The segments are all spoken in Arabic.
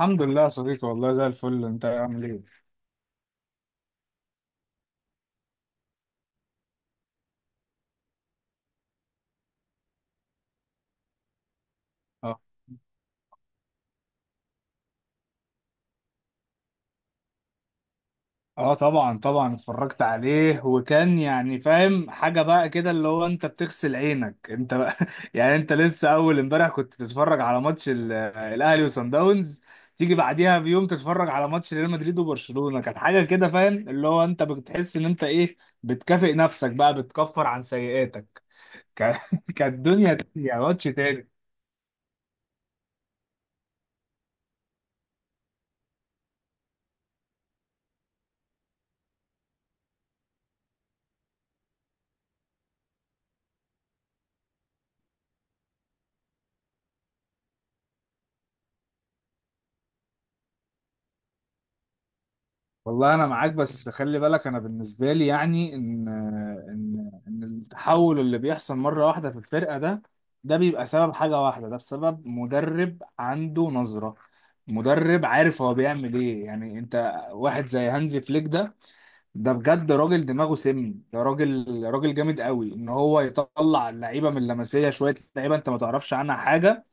الحمد لله يا صديقي، والله زي الفل. انت عامل ايه؟ اه اه، طبعا طبعا اتفرجت عليه، وكان يعني فاهم حاجه بقى كده، اللي هو انت بتغسل عينك انت بقى يعني انت لسه اول امبارح كنت تتفرج على ماتش الاهلي وصن داونز، تيجي بعديها بيوم تتفرج على ماتش ريال مدريد وبرشلونه. كانت حاجه كده، فاهم اللي هو انت بتحس ان انت ايه، بتكافئ نفسك بقى، بتكفر عن سيئاتك. كانت كانت دنيا تانية، ماتش تاني. والله انا معاك، بس خلي بالك، انا بالنسبه لي يعني ان التحول اللي بيحصل مره واحده في الفرقه ده، ده بيبقى سبب حاجه واحده، ده بسبب مدرب عنده نظره، مدرب عارف هو بيعمل ايه. يعني انت واحد زي هانزي فليك ده، ده بجد راجل دماغه سم، ده راجل، راجل جامد قوي، ان هو يطلع اللعيبه من اللمسيه، شويه لعيبه انت ما تعرفش عنها حاجه،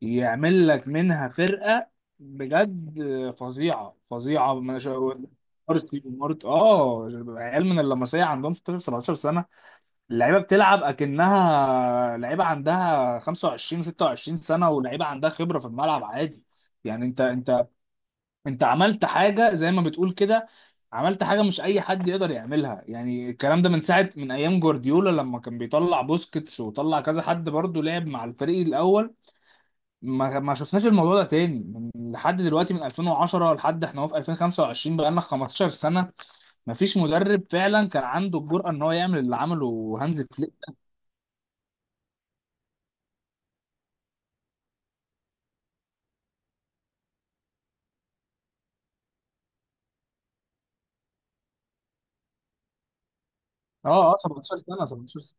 يعمل لك منها فرقة. بجد فظيعة فظيعة، ما شاء. مارتي ومارت، عيال من اللمسية عندهم 16 17 سنة، اللعيبة بتلعب اكنها لعيبة عندها 25 26 سنة، ولعيبة عندها خبرة في الملعب عادي. يعني انت، انت عملت حاجة زي ما بتقول كده، عملت حاجة مش أي حد يقدر يعملها. يعني الكلام ده من ساعة، من أيام جوارديولا، لما كان بيطلع بوسكيتس، وطلع كذا حد برضه لعب مع الفريق الأول. ما شفناش الموضوع ده تاني من لحد دلوقتي، من 2010 لحد احنا اهو في 2025، بقى لنا 15 سنه ما فيش مدرب فعلا كان عنده الجرأه ان هو يعمل اللي عمله هانز فليك. اه اه، 17 سنه، 17.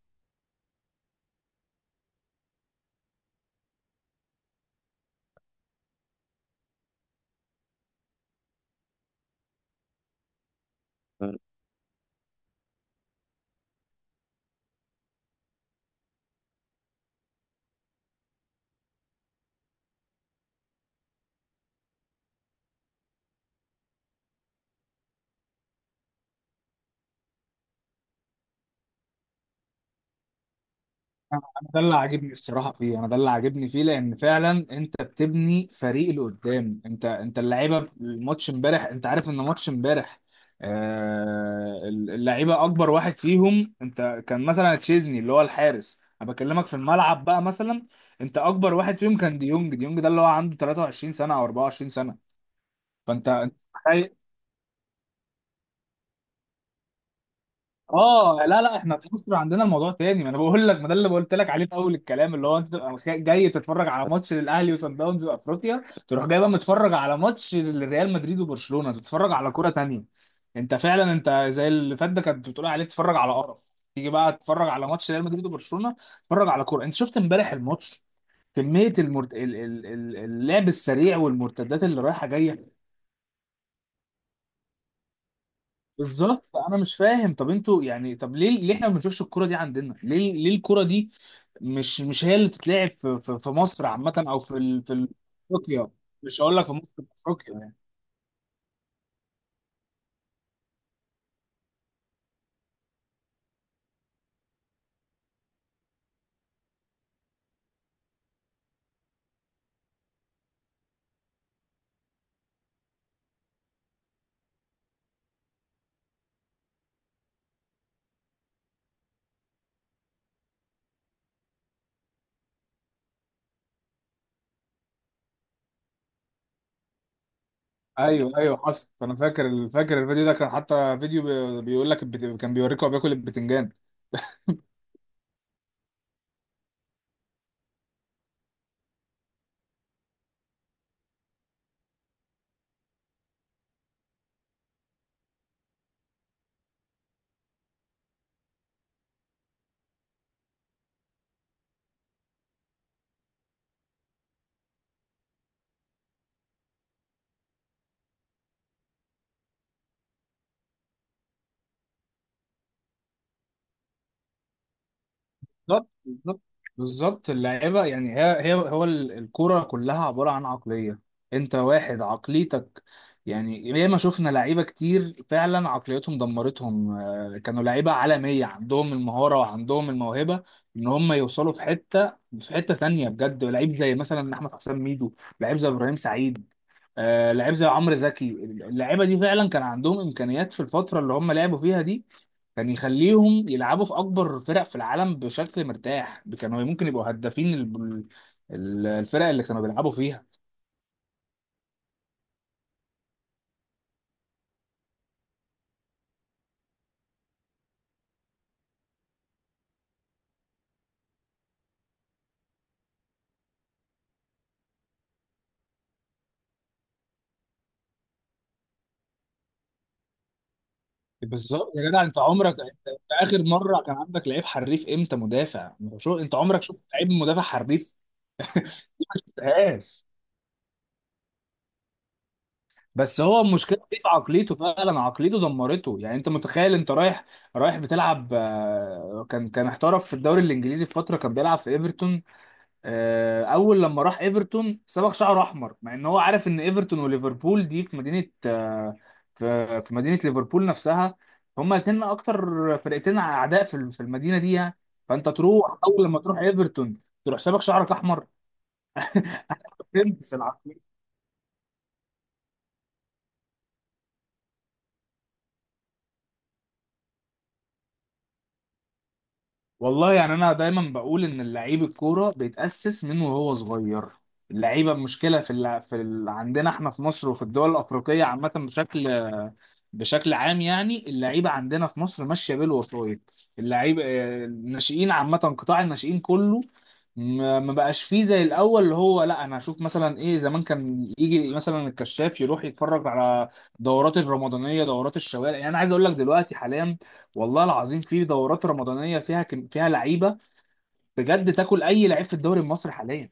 انا ده اللي عاجبني الصراحه فيه، انا ده اللي عاجبني فيه لان فعلا انت بتبني فريق اللي قدام. انت اللعيبه في الماتش امبارح، انت عارف ان ماتش امبارح، اللعيبه اكبر واحد فيهم، انت كان مثلا تشيزني اللي هو الحارس، انا بكلمك في الملعب بقى. مثلا انت اكبر واحد فيهم كان ديونج، ده اللي هو عنده 23 سنه او 24 سنه. فانت اه، لا لا، احنا في مصر عندنا الموضوع تاني. ما انا بقول لك، ما ده اللي قلت لك عليه في اول الكلام، اللي هو انت تبقى جاي تتفرج على ماتش للاهلي وصن داونز وافريقيا، تروح جاي بقى متفرج على ماتش لريال مدريد وبرشلونه، تتفرج على كوره تانية. انت فعلا انت زي اللي فات ده كانت بتقول عليه تتفرج على قرف، تيجي بقى تتفرج على ماتش ريال مدريد وبرشلونه، تتفرج على كوره. انت شفت امبارح الماتش، كميه المرت... ال- ال- ال- اللعب السريع والمرتدات اللي رايحه جايه. بالظبط، انا مش فاهم. طب انتوا يعني، طب ليه احنا ما بنشوفش الكرة دي عندنا؟ ليه، ليه الكرة دي مش هي اللي بتتلعب في مصر عامة، او في افريقيا؟ مش هقول لك في مصر، في افريقيا يعني. ايوه ايوه، حصل، انا فاكر، فاكر الفيديو ده. كان حتى فيديو بيقول لك، كان بيوريكوا هو بياكل البتنجان. بالظبط، بالظبط، بالظبط. اللعيبه، يعني الكوره كلها عباره عن عقليه. انت واحد عقليتك، يعني ياما شفنا لعيبه كتير فعلا عقليتهم دمرتهم. كانوا لعيبه عالميه، عندهم المهاره وعندهم الموهبه ان هم يوصلوا في حته تانيه. بجد، لعيب زي مثلا احمد حسام ميدو، لعيب زي ابراهيم سعيد، لعيب زي عمرو زكي. اللعيبه دي فعلا كان عندهم امكانيات في الفتره اللي هم لعبوا فيها دي، كان يخليهم يلعبوا في اكبر فرق في العالم بشكل مرتاح، كانوا ممكن يبقوا هدافين الفرق اللي كانوا بيلعبوا فيها. بالظبط يا جدع، انت عمرك، انت اخر مره كان عندك لعيب حريف امتى، مدافع؟ شو انت عمرك شفت لعيب مدافع حريف؟ مشفتهاش. بس هو المشكله دي في عقليته، فعلا عقليته دمرته. يعني انت متخيل، انت رايح، بتلعب، كان، احترف في الدوري الانجليزي، في فتره كان بيلعب في ايفرتون. اول لما راح ايفرتون صبغ شعره احمر، مع ان هو عارف ان ايفرتون وليفربول دي في مدينه، في مدينه ليفربول نفسها. هما الاثنين اكتر فرقتين اعداء في المدينه دي يعني، فانت تروح، اول لما تروح ايفرتون تروح صبغ شعرك احمر. تلبس العقلية. والله يعني انا دايما بقول ان اللعيب الكوره بيتاسس من وهو صغير. اللعيبه، المشكله في اللع... في ال... عندنا احنا في مصر وفي الدول الافريقيه عامه، بشكل عام يعني، اللعيبه عندنا في مصر ماشيه بالوسائط. اللعيبه، الناشئين عامه، قطاع الناشئين كله ما بقاش فيه زي الاول، اللي هو لا انا هشوف مثلا ايه. زمان كان يجي مثلا الكشاف يروح يتفرج على دورات الرمضانيه، دورات الشوارع. يعني انا عايز اقول لك دلوقتي حاليا، والله العظيم في دورات رمضانيه فيها فيها لعيبه بجد تاكل اي لعيب في الدوري المصري حاليا.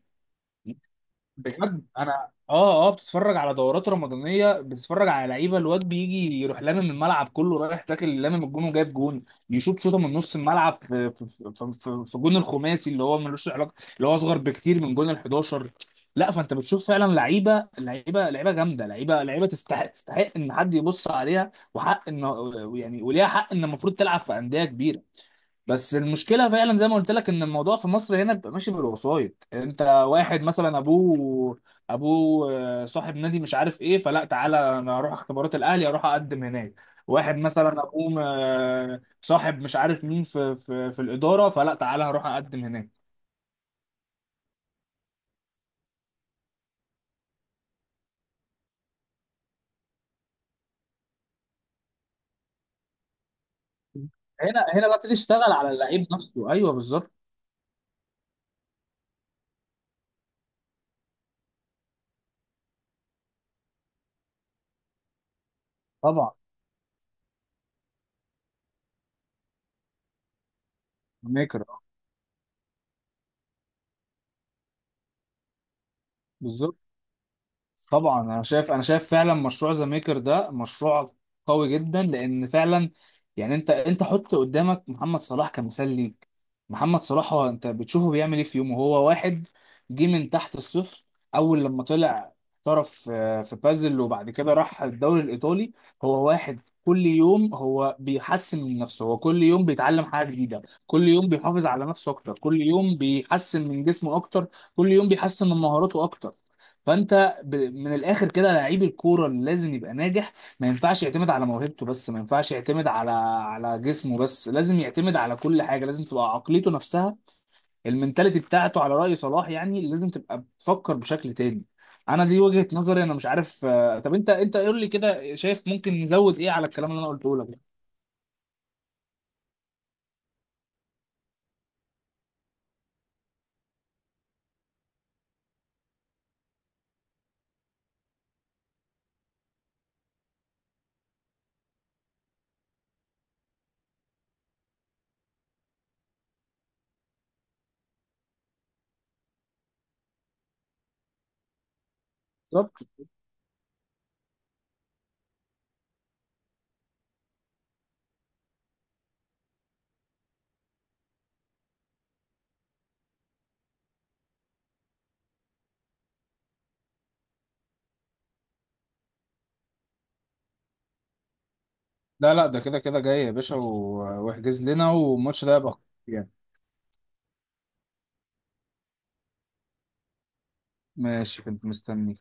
بجد انا، بتتفرج على دورات رمضانيه، بتتفرج على لعيبه، الواد بيجي يروح لامم الملعب كله، رايح تاكل لامم الجون وجايب جون، يشوط شوطه من نص الملعب في جون الخماسي اللي هو ملوش علاقه، اللي هو اصغر بكتير من جون ال 11. لا، فانت بتشوف فعلا لعيبه، لعيبه، لعيبه جامده، لعيبه، لعيبه تستحق، تستحق ان حد يبص عليها، وحق ان، يعني وليها حق ان المفروض تلعب في انديه كبيره. بس المشكله فعلا زي ما قلت لك، ان الموضوع في مصر هنا بيبقى ماشي بالوسايط. انت واحد مثلا ابوه، ابوه صاحب نادي، مش عارف ايه، فلا تعالى انا اروح اختبارات الاهلي، اروح اقدم هناك. واحد مثلا ابوه، صاحب مش عارف مين في في الاداره، فلا تعالى هروح اقدم هناك. هنا بقى تشتغل على اللعيب نفسه، ايوه بالظبط. طبعا. ميكرا. بالظبط. طبعا انا شايف، فعلا مشروع ذا ميكر ده مشروع قوي جدا، لان فعلا يعني انت حط قدامك محمد صلاح كمثال ليك. محمد صلاح، هو انت بتشوفه بيعمل ايه في يومه؟ هو واحد جه من تحت الصفر، اول لما طلع احترف في بازل، وبعد كده راح الدوري الايطالي. هو واحد كل يوم هو بيحسن من نفسه، هو كل يوم بيتعلم حاجه جديده، كل يوم بيحافظ على نفسه اكتر، كل يوم بيحسن من جسمه اكتر، كل يوم بيحسن من مهاراته اكتر. فانت من الاخر كده، لعيب الكوره اللي لازم يبقى ناجح ما ينفعش يعتمد على موهبته بس، ما ينفعش يعتمد على جسمه بس، لازم يعتمد على كل حاجه، لازم تبقى عقليته نفسها، المنتاليتي بتاعته على راي صلاح، يعني لازم تبقى بتفكر بشكل تاني. انا دي وجهه نظري، انا مش عارف. طب انت، قول لي كده، شايف ممكن نزود ايه على الكلام اللي انا قلته لك ده؟ بالظبط. لا لا، ده كده كده جاي يا باشا، واحجز لنا. والماتش ده يبقى خطير يعني. ماشي، كنت مستني.